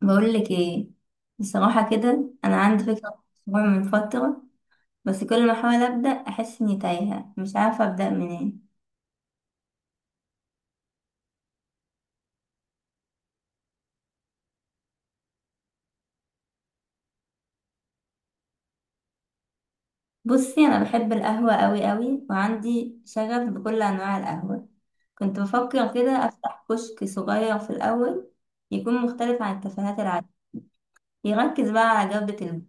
بقول لك ايه. بصراحة كده انا عندي فكرة مشروع من فترة. بس كل ما احاول ابدا احس اني تايهة، مش عارفة ابدا منين. بصي، انا بحب القهوة قوي قوي وعندي شغف بكل انواع القهوة. كنت بفكر كده افتح كشك صغير في الاول، يكون مختلف عن الكافيهات العادية، يركز بقى على جودة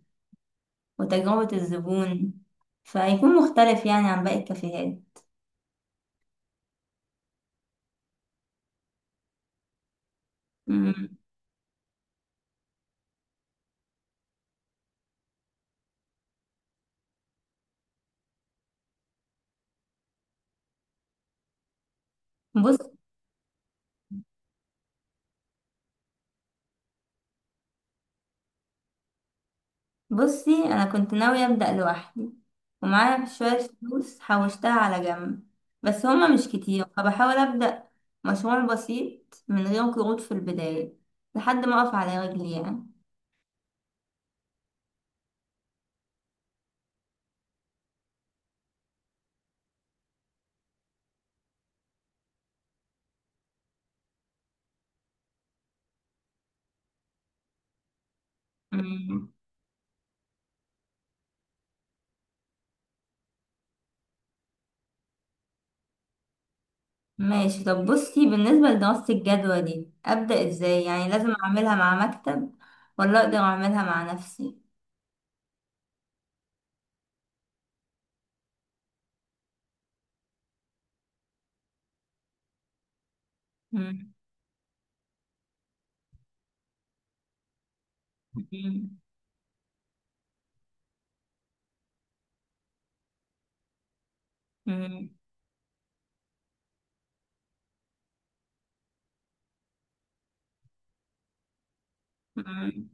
وتجربة الزبون، فيكون مختلف يعني عن باقي الكافيهات. مم. بص. بصي، انا كنت ناوية ابدأ لوحدي، ومعايا شوية فلوس حوشتها على جنب، بس هما مش كتير فبحاول ابدأ مشروع بسيط من غير قروض في البداية، لحد ما اقف على رجلي يعني. مم. ماشي. طب بصي، بالنسبة لدراسة الجدوى دي ابدأ ازاي؟ يعني لازم اعملها مع مكتب ولا اقدر اعملها مع نفسي؟ مم. مم. مم. مم.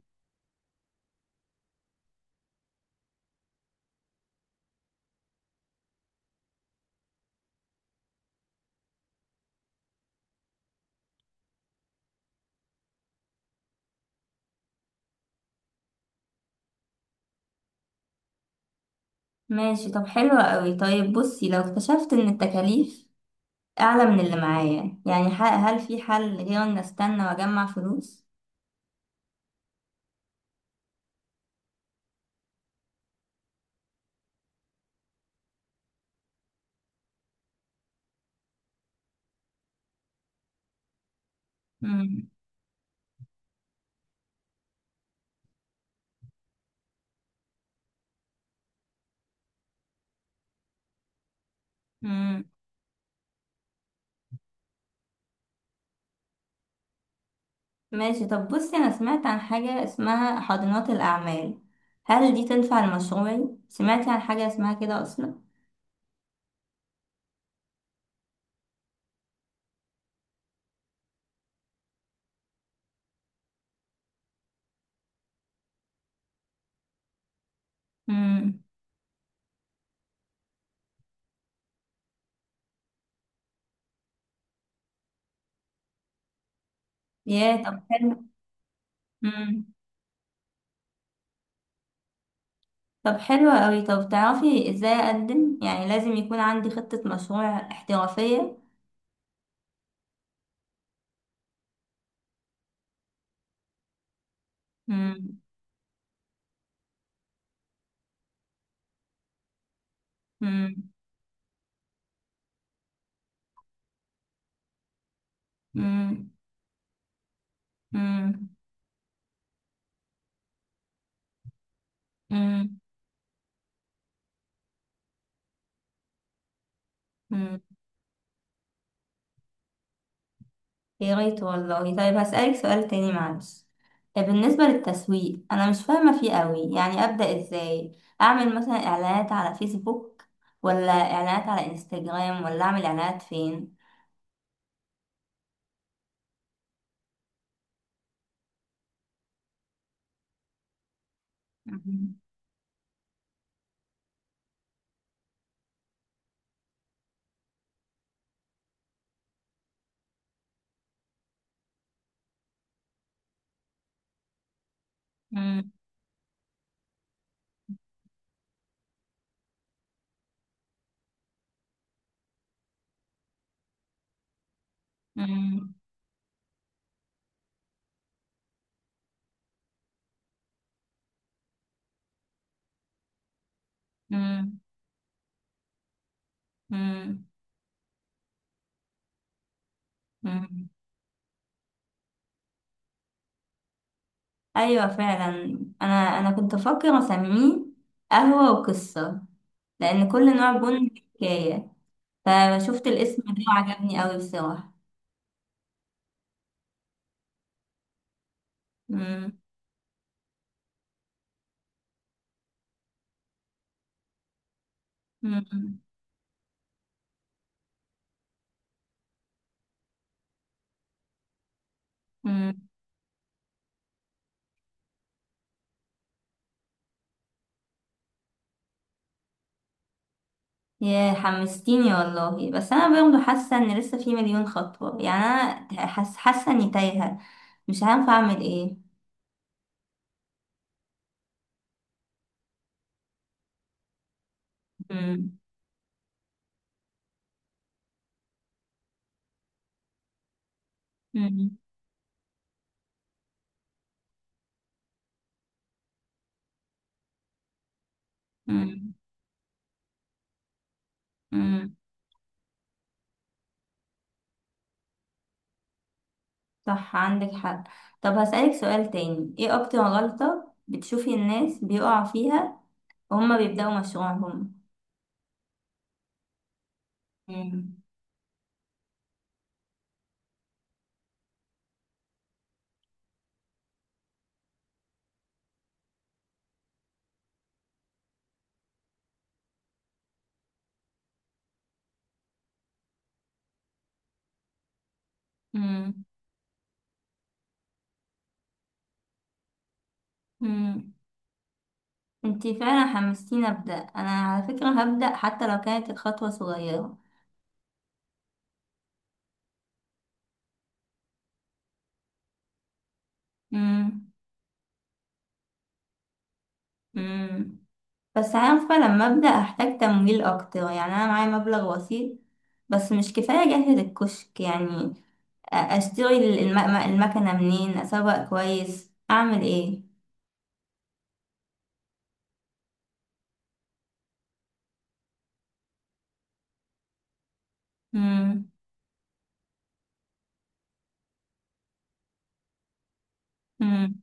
ماشي، طب حلوة قوي. طيب بصي، لو اكتشفت ان التكاليف أعلى من اللي معايا يعني هل في حل غير إن أستنى وأجمع فلوس؟ مم. مم. ماشي. طب بصي، أنا سمعت عن حاجة اسمها حاضنات الأعمال، هل دي تنفع لمشروعي؟ سمعتي عن حاجة اسمها كده أصلا؟ مم. ياه، طب حلو. مم. طب حلو أوي. طب تعرفي إزاي أقدم؟ يعني لازم يكون عندي خطة مشروع احترافية؟ مم. مم. مم. مم. مم. مم. يا ريت والله. طيب هسألك سؤال تاني معلش. طيب بالنسبة للتسويق، أنا مش فاهمة فيه قوي، يعني أبدأ إزاي؟ أعمل مثلا إعلانات على فيسبوك، ولا إعلانات على إنستجرام، ولا أعمل إعلانات فين؟ مم. مم. مم. مم. مم. مم. أيوة فعلا، أنا كنت أفكر أسميه قهوة وقصة، لأن كل نوع بن حكاية. فشفت الاسم ده وعجبني قوي بصراحة. مم. مم. مم. يا حمستيني والله، بس انا برضه حاسه ان لسه في مليون خطوه يعني. انا حاسه اني تايهه، مش عارفه اعمل ايه. مم. مم. مم. مم. صح، عندك حق. طب هسألك سؤال تاني، ايه اكتر غلطه بتشوفي الناس بيقعوا فيها وهم بيبدأوا مشروعهم؟ مم. مم. مم. انتي فعلا حمستيني ابدأ. انا على فكره هبدأ حتى لو كانت الخطوه صغيره. مم. مم. بس عارفة لما أبدأ أحتاج تمويل أكتر، يعني أنا معايا مبلغ بسيط بس مش كفاية أجهز الكشك يعني. أشتري المكنة منين؟ أسوق كويس، أعمل إيه؟ مم. مم.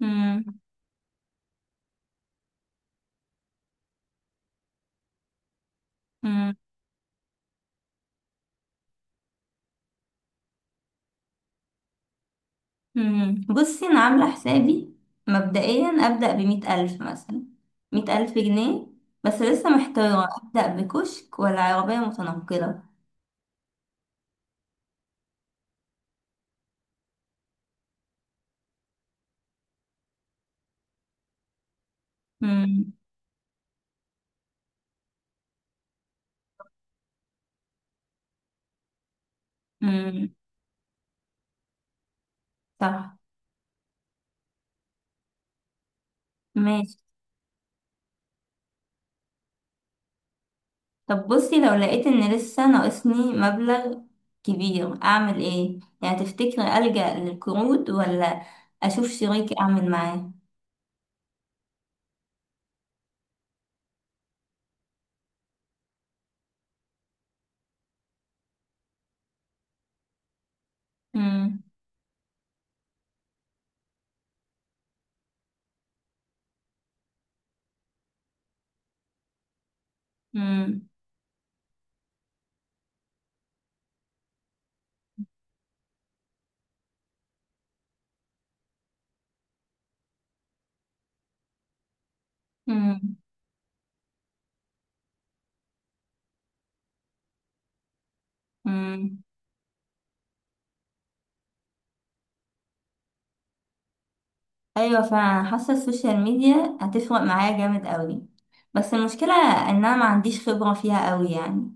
مم. مم. مم. بصي، أنا عاملة حسابي مبدئيا أبدأ ب100,000 مثلا، 100,000 جنيه. بس لسه محتارة، أبدأ بكشك ولا عربية متنقلة؟ مم. مم. صح. ماشي. طب بصي، لو لقيت ان لسه ناقصني مبلغ كبير اعمل ايه؟ يعني تفتكري ألجأ للقروض ولا اشوف شريك اعمل معاه؟ مم. مم. مم. مم. ايوه فعلا، حاسه السوشيال ميديا هتفرق معايا جامد قوي، بس المشكله ان انا ما عنديش خبره فيها قوي يعني.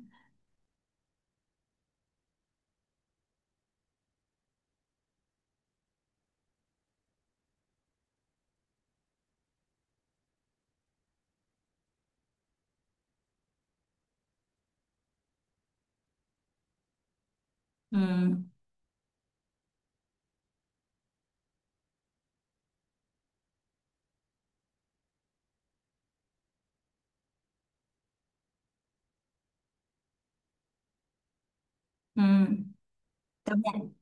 مم. مم. طب يعني.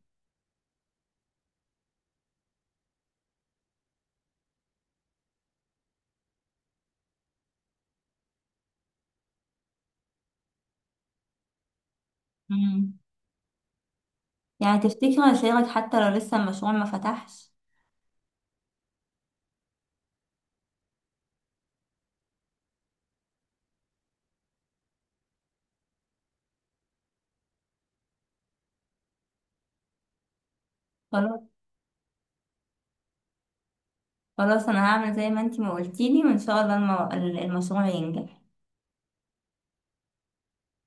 مم. يعني تفتكري اشارك حتى لو لسه المشروع ما فتحش؟ خلاص، انا هعمل زي ما انتي ما قلتيلي، وان شاء الله المشروع ينجح.